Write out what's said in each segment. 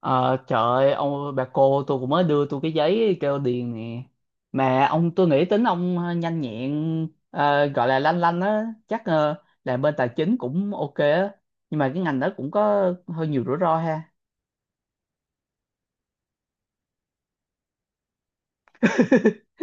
Ờ, Trời ơi, ông bà cô tôi cũng mới đưa tôi cái giấy kêu điền nè. Mà ông tôi nghĩ tính ông nhanh nhẹn, gọi là lanh lanh á, chắc làm bên tài chính cũng ok á. Nhưng mà cái ngành đó cũng có hơi nhiều rủi ro ha.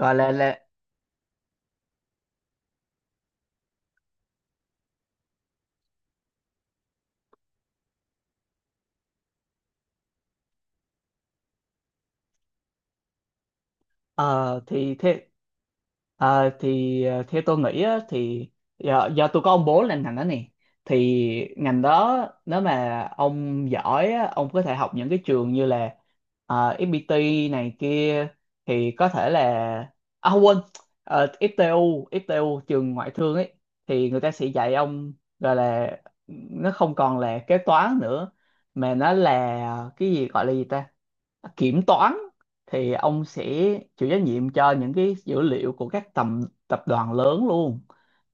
Gọi là Ờ, thì thế ờ, thì ờ, theo tôi nghĩ á, thì do tôi có ông bố lên ngành đó nè, thì ngành đó, nếu mà ông giỏi á, ông có thể học những cái trường như là FPT này kia, thì có thể là, à không quên, FTU FTU trường ngoại thương ấy, thì người ta sẽ dạy ông, gọi là, nó không còn là kế toán nữa mà nó là cái gì gọi là gì ta, kiểm toán. Thì ông sẽ chịu trách nhiệm cho những cái dữ liệu của các tầm tập đoàn lớn luôn,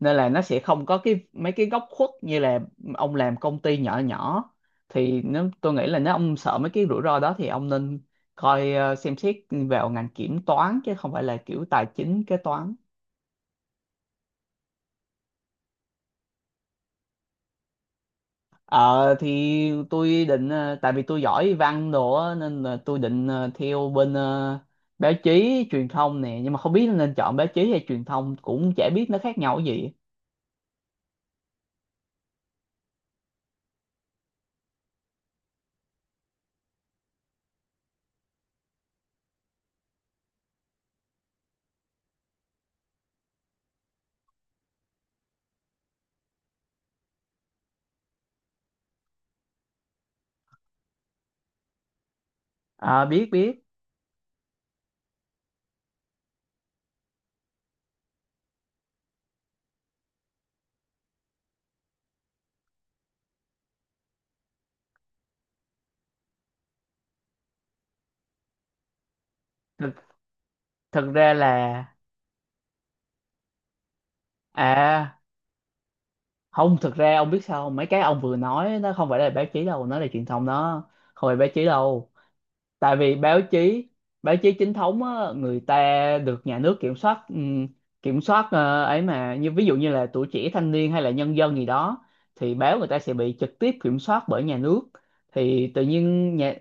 nên là nó sẽ không có cái mấy cái góc khuất như là ông làm công ty nhỏ nhỏ. Thì nếu tôi nghĩ là nếu ông sợ mấy cái rủi ro đó thì ông nên coi, xem xét vào ngành kiểm toán chứ không phải là kiểu tài chính kế toán. Ờ thì tôi định, tại vì tôi giỏi văn đồ á, nên là tôi định, theo bên báo chí truyền thông nè, nhưng mà không biết nên chọn báo chí hay truyền thông, cũng chả biết nó khác nhau cái gì. Ờ, biết biết. Thực, thực ra là. À không, thực ra ông biết sao không? Mấy cái ông vừa nói nó không phải là báo chí đâu, nó là truyền thông đó, không phải báo chí đâu. Tại vì báo chí chính thống á, người ta được nhà nước kiểm soát, kiểm soát, ấy mà, như ví dụ như là tuổi trẻ thanh niên hay là nhân dân gì đó, thì báo người ta sẽ bị trực tiếp kiểm soát bởi nhà nước. Thì tự nhiên nhà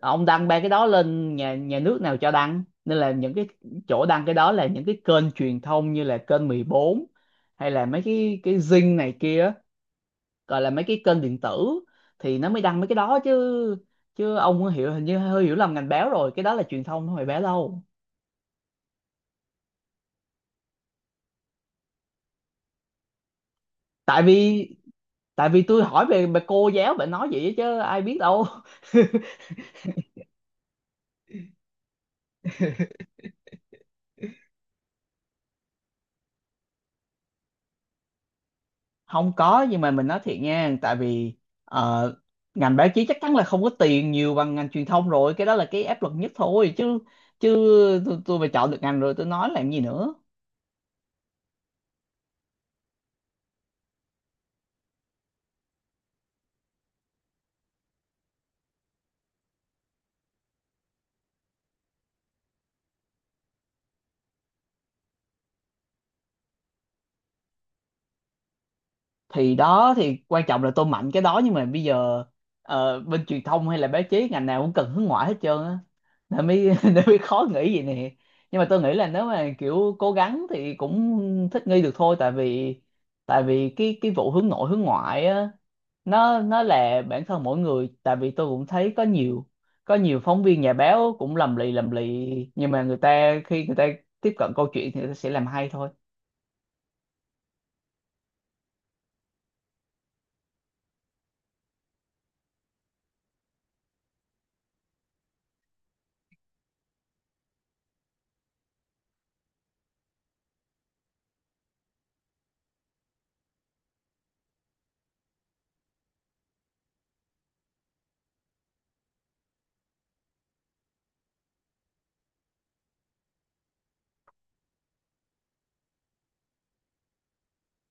ông đăng ba cái đó lên nhà nhà nước nào cho đăng, nên là những cái chỗ đăng cái đó là những cái kênh truyền thông như là kênh 14 hay là mấy cái Zing này kia, gọi là mấy cái kênh điện tử thì nó mới đăng mấy cái đó chứ. Ông hiểu, hình như hơi hiểu lầm ngành báo rồi, cái đó là truyền thông không phải báo đâu. Tại vì tại vì tôi hỏi về về cô giáo, bạn nói vậy chứ ai biết đâu. Không có, nhưng mà mình nói thiệt nha. Tại vì ờ, ngành báo chí chắc chắn là không có tiền nhiều bằng ngành truyền thông rồi, cái đó là cái áp lực nhất thôi chứ. chứ tôi mà chọn được ngành rồi tôi nói làm gì nữa. Thì đó, thì quan trọng là tôi mạnh cái đó, nhưng mà bây giờ bên truyền thông hay là báo chí ngành nào cũng cần hướng ngoại hết trơn á, nên mới nên mới khó nghĩ vậy nè. Nhưng mà tôi nghĩ là nếu mà kiểu cố gắng thì cũng thích nghi được thôi. Tại vì cái vụ hướng nội hướng ngoại á, nó là bản thân mỗi người. Tại vì tôi cũng thấy có nhiều, phóng viên nhà báo cũng lầm lì lầm lì, nhưng mà người ta khi người ta tiếp cận câu chuyện thì người ta sẽ làm hay thôi.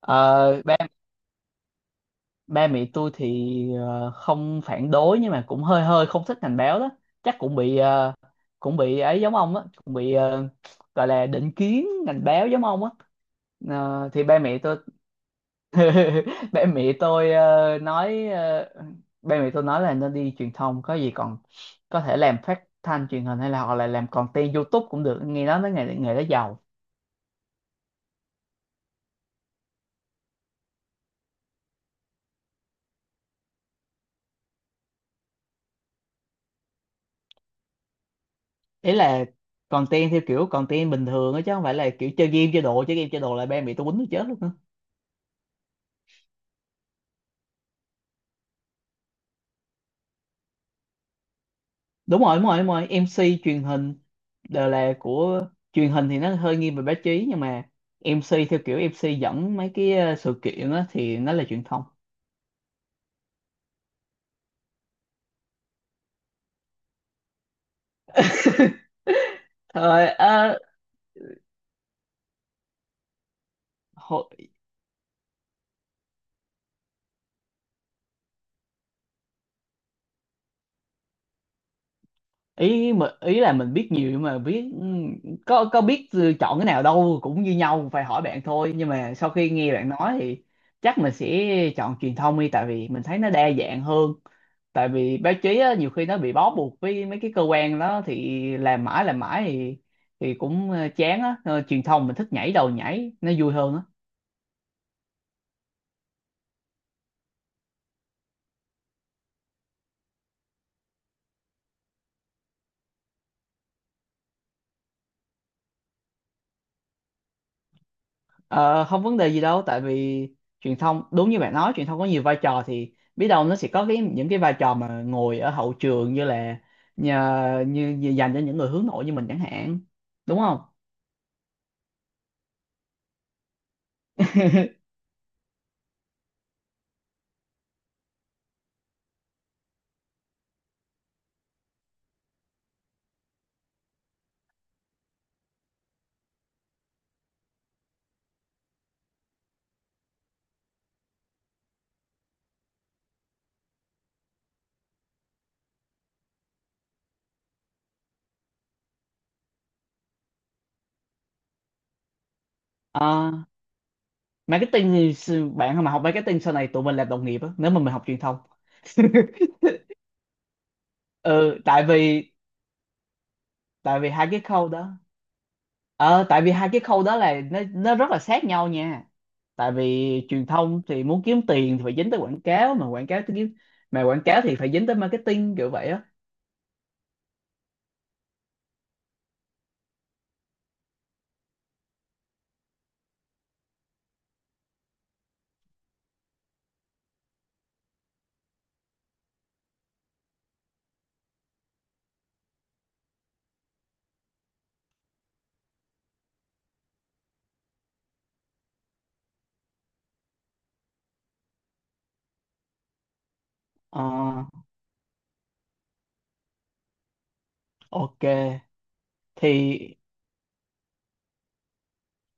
Ờ, Ba mẹ tôi thì không phản đối, nhưng mà cũng hơi hơi không thích ngành báo đó. Chắc cũng bị, cũng bị ấy giống ông á, cũng bị gọi là định kiến ngành báo giống ông á. Thì ba mẹ tôi ba mẹ tôi ờ, nói ờ, ba mẹ tôi nói là nên đi truyền thông, có gì còn có thể làm phát thanh truyền hình hay là hoặc là làm content YouTube cũng được, nghe nói mấy nghề nghề đó giàu. Ý là content theo kiểu content bình thường á, chứ không phải là kiểu chơi game chơi đồ. Chơi game chơi đồ là ba mẹ tôi quýnh tôi chết luôn á. Đúng rồi, đúng rồi, đúng rồi. MC truyền hình đều là của truyền hình thì nó hơi nghiêng về báo chí, nhưng mà MC theo kiểu MC dẫn mấy cái sự kiện á thì nó là truyền thông. Thôi, ý là mình biết nhiều mà biết, có biết chọn cái nào đâu, cũng như nhau, phải hỏi bạn thôi. Nhưng mà sau khi nghe bạn nói thì chắc mình sẽ chọn truyền thông đi, tại vì mình thấy nó đa dạng hơn. Tại vì báo chí á, nhiều khi nó bị bó buộc với mấy cái cơ quan đó thì làm mãi thì cũng chán á. Ờ, Truyền thông mình thích nhảy đầu nhảy nó vui hơn á. Ờ, Không vấn đề gì đâu. Tại vì truyền thông đúng như bạn nói, truyền thông có nhiều vai trò, thì biết đâu nó sẽ có cái những cái vai trò mà ngồi ở hậu trường như là, như dành cho những người hướng nội như mình chẳng hạn, đúng không. Ờ, Marketing thì, bạn mà học marketing sau này tụi mình là đồng nghiệp á nếu mà mình học truyền thông. Ừ, tại vì hai cái khâu đó, ờ tại vì hai cái khâu đó là, nó rất là sát nhau nha. Tại vì truyền thông thì muốn kiếm tiền thì phải dính tới quảng cáo, mà quảng cáo thì phải dính tới marketing, kiểu vậy á. Ờ, ok thì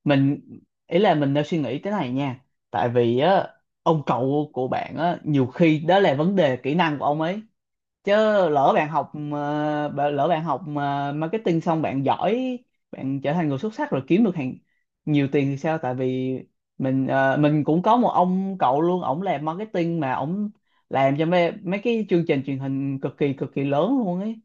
mình, ý là mình đang suy nghĩ thế này nha. Tại vì á, ông cậu của bạn á nhiều khi đó là vấn đề kỹ năng của ông ấy chứ. Lỡ bạn học marketing xong bạn giỏi, bạn trở thành người xuất sắc rồi kiếm được hàng nhiều tiền thì sao. Tại vì mình cũng có một ông cậu luôn, ổng làm marketing, mà ổng làm cho mấy cái chương trình truyền hình cực kỳ lớn luôn ấy,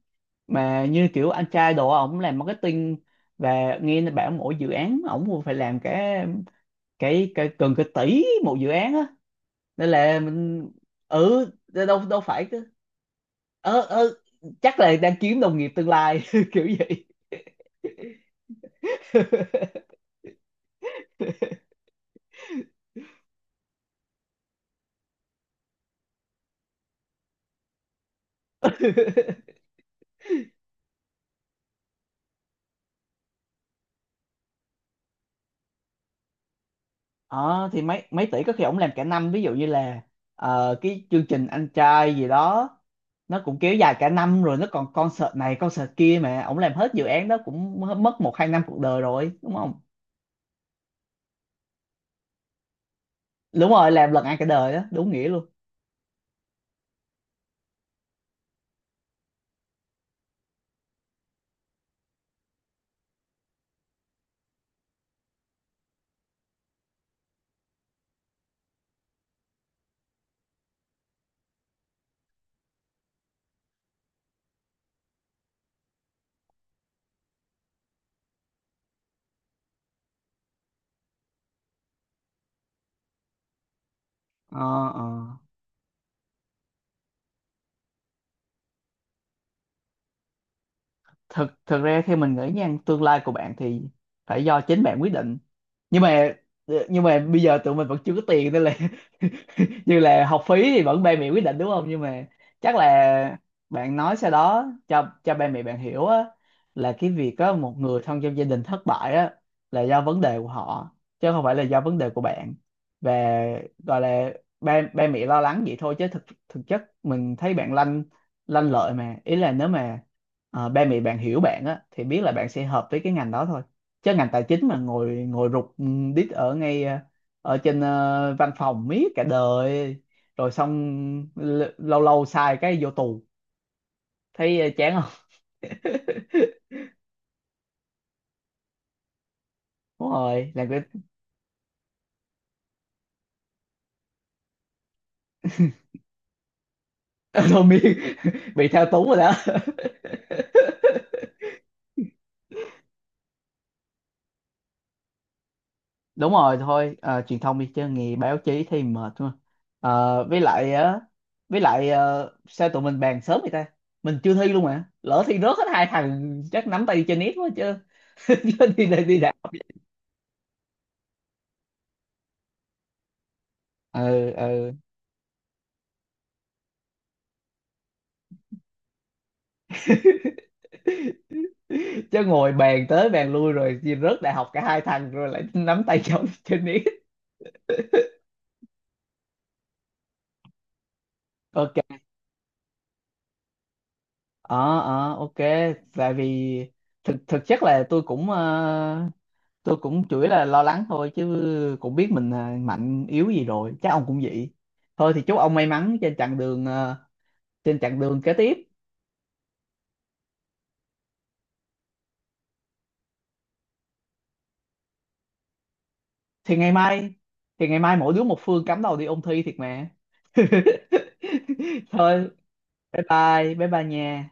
mà như kiểu anh trai đồ á, ổng làm marketing. Và nghe nó bảo mỗi dự án ổng cũng phải làm cái gần cái tỷ một dự án á, nên là mình, ừ, đâu đâu phải. ờ ờ Chắc là đang kiếm đồng nghiệp tương lai, kiểu vậy. Ờ thì mấy mấy tỷ có khi ổng làm cả năm. Ví dụ như là cái chương trình anh trai gì đó nó cũng kéo dài cả năm rồi, nó còn concert này concert kia, mà ổng làm hết dự án đó cũng mất một hai năm cuộc đời rồi, đúng không. Đúng rồi, làm lần ăn cả đời đó, đúng nghĩa luôn. ờ ờ thực thực ra theo mình nghĩ nha, tương lai của bạn thì phải do chính bạn quyết định, nhưng mà nhưng mà bây giờ tụi mình vẫn chưa có tiền nên là, như là học phí thì vẫn ba mẹ quyết định đúng không, nhưng mà chắc là bạn nói sau đó cho ba mẹ bạn hiểu á, là cái việc có một người thân trong gia đình thất bại á là do vấn đề của họ chứ không phải là do vấn đề của bạn. Và gọi là ba ba mẹ lo lắng vậy thôi, chứ thực thực chất mình thấy bạn lanh lanh lợi mà. Ý là nếu mà ba mẹ bạn hiểu bạn á thì biết là bạn sẽ hợp với cái ngành đó thôi, chứ ngành tài chính mà ngồi ngồi rụt, đít ở ngay ở trên văn phòng miết cả đời, rồi xong lâu lâu sai cái vô tù, thấy chán không. Đúng rồi, làm cái, thôi miên, bị thao túng rồi đó. Đúng rồi, thôi truyền thông đi, chứ nghề báo chí thì mệt quá. Với lại á, sao tụi mình bàn sớm vậy ta? Mình chưa thi luôn mà lỡ thi rớt hết hai thằng chắc nắm tay đi chơi net quá chứ. Đi đi đây đi đã. Ừ, ừ. Chứ ngồi bàn tới bàn lui rồi chia rớt đại học cả hai thằng rồi lại nắm tay nhau trên ý. Ok. Ờ ok. Tại vì thực thực chất là tôi cũng, chủ yếu là lo lắng thôi, chứ cũng biết mình mạnh yếu gì rồi chắc ông cũng vậy. Thôi thì chúc ông may mắn trên chặng đường kế tiếp. Thì ngày mai thì ngày mai mỗi đứa một phương cắm đầu đi ôn thi thiệt mà. Thôi, bye bye bye bye nha.